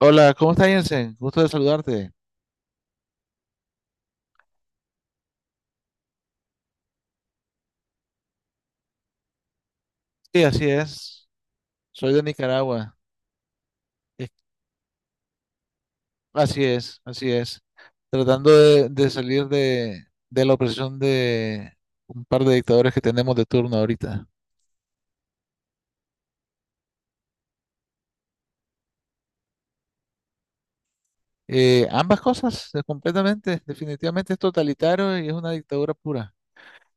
Hola, ¿cómo estás, Jensen? Gusto de saludarte. Sí, así es. Soy de Nicaragua. Es- Así es, así es. Tratando de salir de la opresión de un par de dictadores que tenemos de turno ahorita. Ambas cosas, completamente. Definitivamente es totalitario y es una dictadura pura.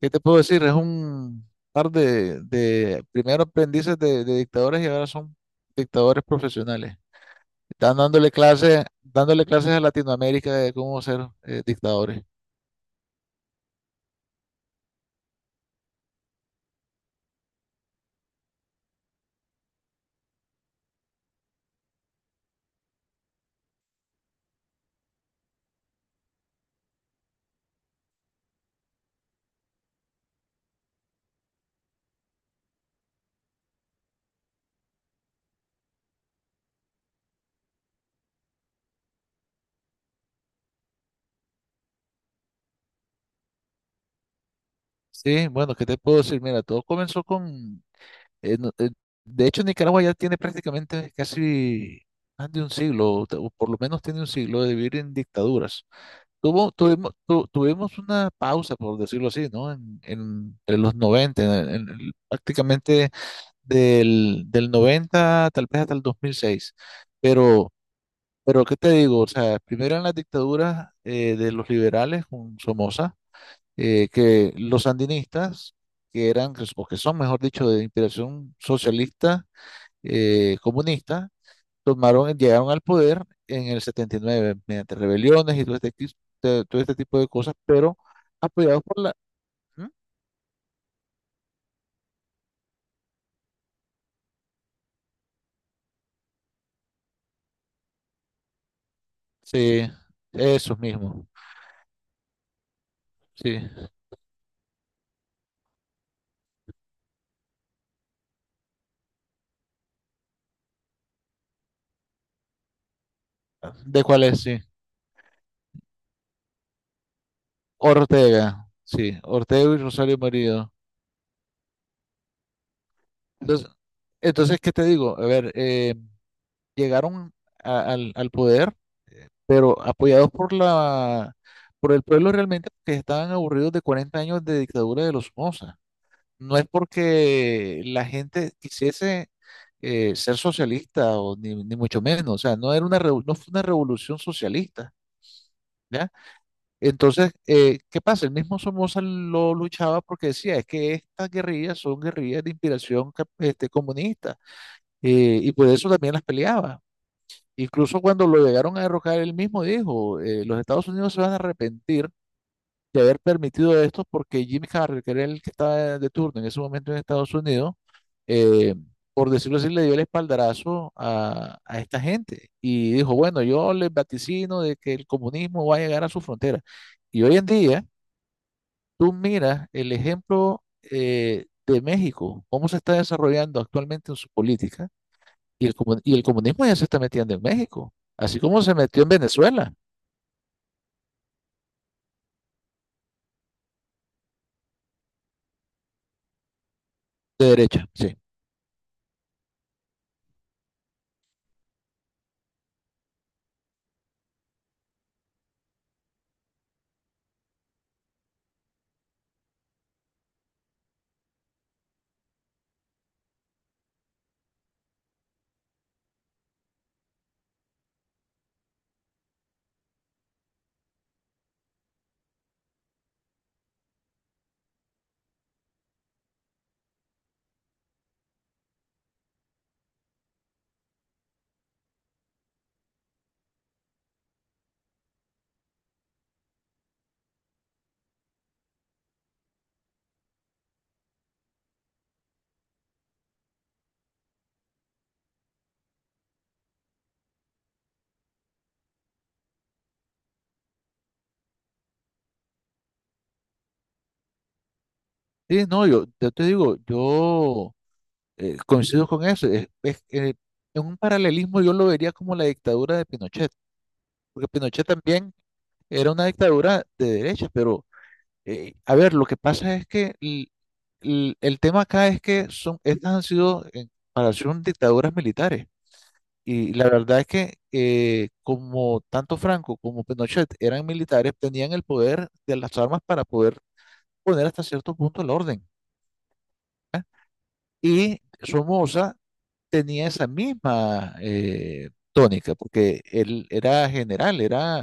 ¿Qué te puedo decir? Es un par de primero aprendices de dictadores y ahora son dictadores profesionales. Están dándole clases a Latinoamérica de cómo ser dictadores. Sí, bueno, ¿qué te puedo decir? Mira, todo comenzó con... eh, no- eh, de hecho, Nicaragua ya tiene prácticamente casi más de un siglo, o por lo menos tiene un siglo de vivir en dictaduras. Tuvimos una pausa, por decirlo así, ¿no? En los 90 prácticamente del 90 tal vez hasta el 2006. Pero Pero ¿qué te digo? O sea, primero en las dictaduras de los liberales con Somoza, que los sandinistas, que eran, o que son, mejor dicho, de inspiración socialista, comunista, llegaron al poder en el 79 mediante rebeliones y todo este tipo de cosas, pero apoyados por la... ¿Mm? Sí, esos mismos, sí. ¿De cuál es? Sí. Ortega, sí. Ortega y Rosario Murillo. Entonces, entonces, ¿qué te digo? A ver, llegaron al poder, pero apoyados por el pueblo realmente que estaban aburridos de 40 años de dictadura de los Somoza. No es porque la gente quisiese ser socialista o ni mucho menos, o sea, no fue una revolución socialista, ¿ya? Entonces, ¿qué pasa? El mismo Somoza lo luchaba porque decía, es que estas guerrillas son guerrillas de inspiración comunista, y por eso también las peleaba. Incluso cuando lo llegaron a derrocar, él mismo dijo, los Estados Unidos se van a arrepentir de haber permitido esto porque Jimmy Carter, que era el que estaba de turno en ese momento en Estados Unidos, eh, por decirlo así, le dio el espaldarazo a esta gente y dijo, bueno, yo les vaticino de que el comunismo va a llegar a su frontera. Y hoy en día, tú miras el ejemplo de México, cómo se está desarrollando actualmente en su política y y el comunismo ya se está metiendo en México, así como se metió en Venezuela. De derecha, sí. Sí, no, yo, te digo, yo coincido con eso. Es- en un paralelismo yo lo vería como la dictadura de Pinochet, porque Pinochet también era una dictadura de derecha, pero a ver, lo que pasa es que el tema acá es que son, estas han sido, en comparación, dictaduras militares. Y la verdad es que como tanto Franco como Pinochet eran militares, tenían el poder de las armas para poder poner hasta cierto punto el orden. Y Somoza tenía esa misma tónica, porque él era general, era,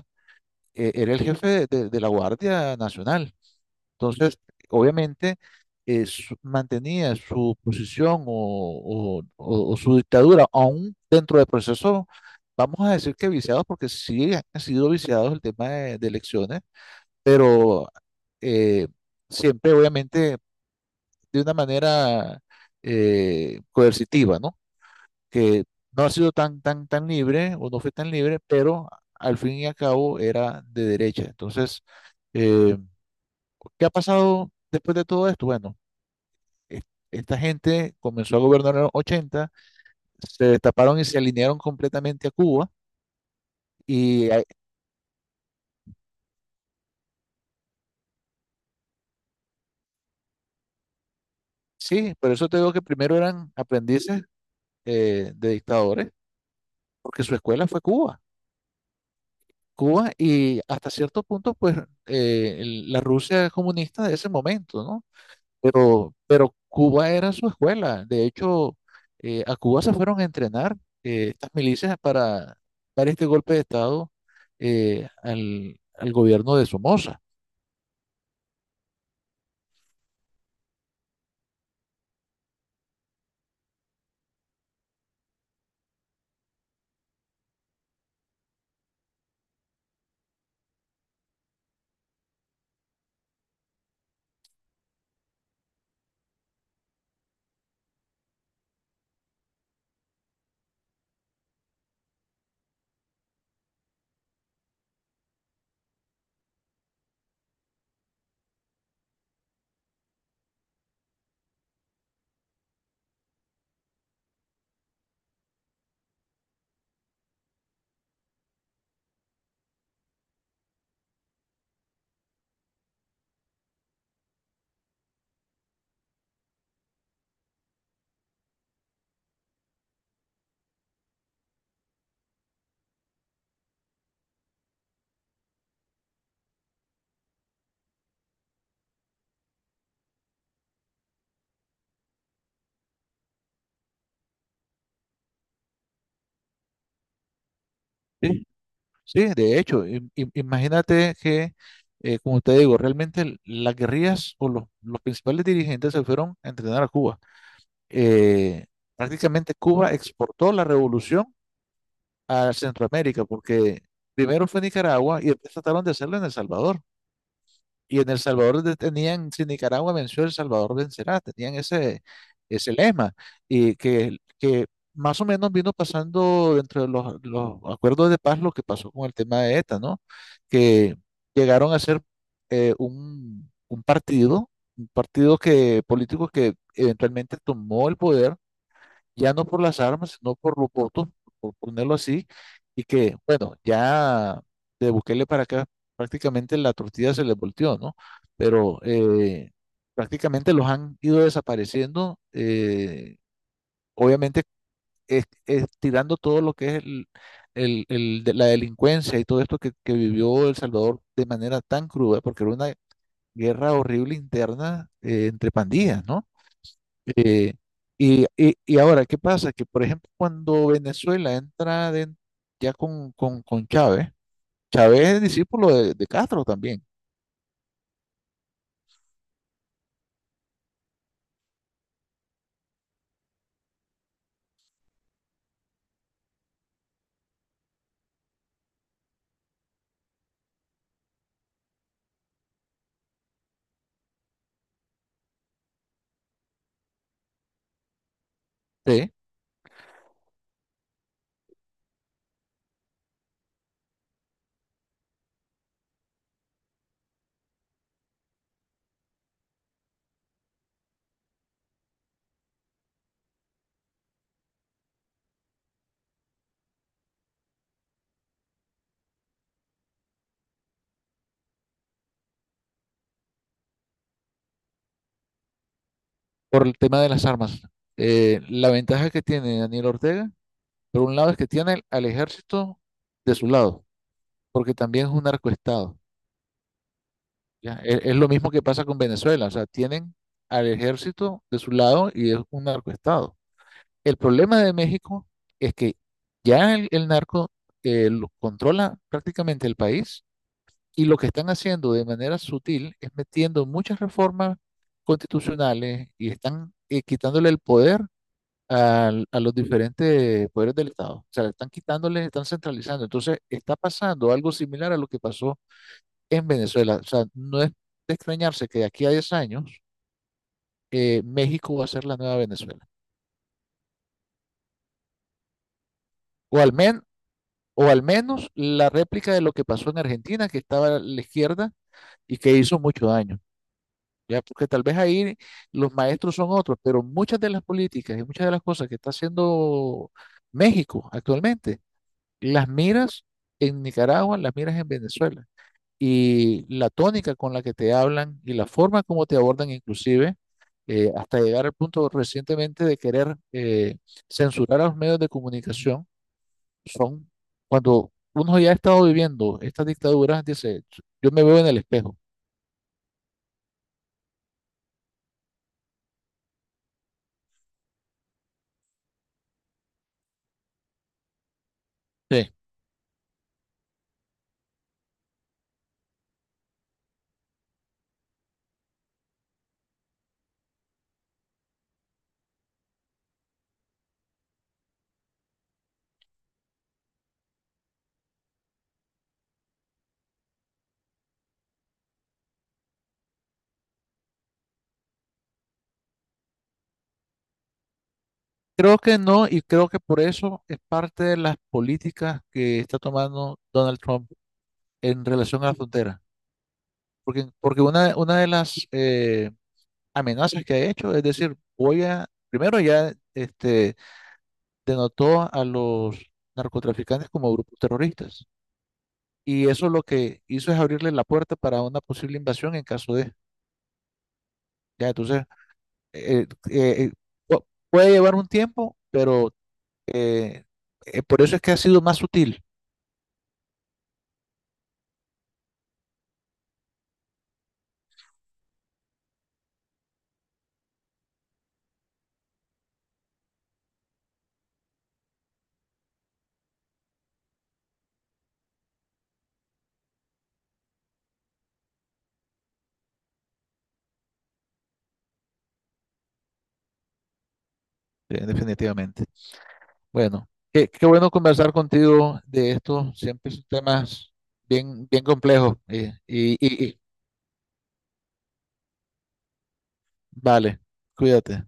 eh, era el jefe de la Guardia Nacional. Entonces, obviamente, mantenía su posición o su dictadura, aún dentro del proceso, vamos a decir que viciados, porque sí han sido viciados el tema de elecciones, pero eh, siempre, obviamente, de una manera coercitiva, ¿no? Que no ha sido tan, tan, tan libre o no fue tan libre, pero al fin y al cabo era de derecha. Entonces, eh, ¿qué ha pasado después de todo esto? Bueno, e- esta gente comenzó a gobernar en los 80, se destaparon y se alinearon completamente a Cuba. Y ahí- sí, por eso te digo que primero eran aprendices de dictadores, porque su escuela fue Cuba. Cuba y hasta cierto punto, pues, la Rusia comunista de ese momento, ¿no? Pero Cuba era su escuela. De hecho, a Cuba se fueron a entrenar estas milicias para este golpe de Estado, al gobierno de Somoza. Sí. Sí, de hecho, imagínate que, como te digo, realmente las guerrillas o los principales dirigentes se fueron a entrenar a Cuba. Eh, Prácticamente Cuba exportó la revolución a Centroamérica porque primero fue Nicaragua y después trataron de hacerlo en El Salvador. Y en El Salvador tenían, si Nicaragua venció, El Salvador vencerá, tenían ese lema, y que más o menos vino pasando dentro de los acuerdos de paz lo que pasó con el tema de ETA, ¿no? Que llegaron a ser eh, un, un partido, un partido político que eventualmente tomó el poder ya no por las armas, sino por los votos, por ponerlo así, y que, bueno, ya de Bukele para acá prácticamente la tortilla se les volteó, ¿no? Pero prácticamente los han ido desapareciendo, obviamente es, tirando todo lo que es el de la delincuencia y todo esto que vivió El Salvador de manera tan cruda, porque era una guerra horrible interna entre pandillas, ¿no? Eh, y ahora, ¿qué pasa? Que, por ejemplo, cuando Venezuela ya con Chávez, Chávez es discípulo de Castro también. ¿Sí? Por el tema de las armas. La ventaja que tiene Daniel Ortega, por un lado, es que tiene al ejército de su lado, porque también es un narcoestado. ¿Ya? Es lo mismo que pasa con Venezuela, o sea, tienen al ejército de su lado y es un narcoestado. El problema de México es que ya el narco lo controla prácticamente el país, y lo que están haciendo de manera sutil es metiendo muchas reformas constitucionales y están quitándole el poder a los diferentes poderes del Estado. O sea, están quitándole, están centralizando. Entonces, está pasando algo similar a lo que pasó en Venezuela. O sea, no es de extrañarse que de aquí a 10 años, México va a ser la nueva Venezuela. O al, men- o al menos la réplica de lo que pasó en Argentina, que estaba a la izquierda y que hizo mucho daño. Ya, porque tal vez ahí los maestros son otros, pero muchas de las políticas y muchas de las cosas que está haciendo México actualmente, las miras en Nicaragua, las miras en Venezuela. Y la tónica con la que te hablan y la forma como te abordan inclusive, hasta llegar al punto recientemente de querer censurar a los medios de comunicación son, cuando uno ya ha estado viviendo estas dictaduras, dice, yo me veo en el espejo. Sí. Creo que no, y creo que por eso es parte de las políticas que está tomando Donald Trump en relación a la frontera. Porque una de las amenazas que ha hecho es decir, primero ya denotó a los narcotraficantes como grupos terroristas. Y eso lo que hizo es abrirle la puerta para una posible invasión en caso de... Ya, entonces eh, eh, eh, pu- puede llevar un tiempo, pero eh, por eso es que ha sido más sutil, definitivamente. Bueno, qué bueno conversar contigo de esto. Siempre son temas bien, bien complejos. Vale, cuídate.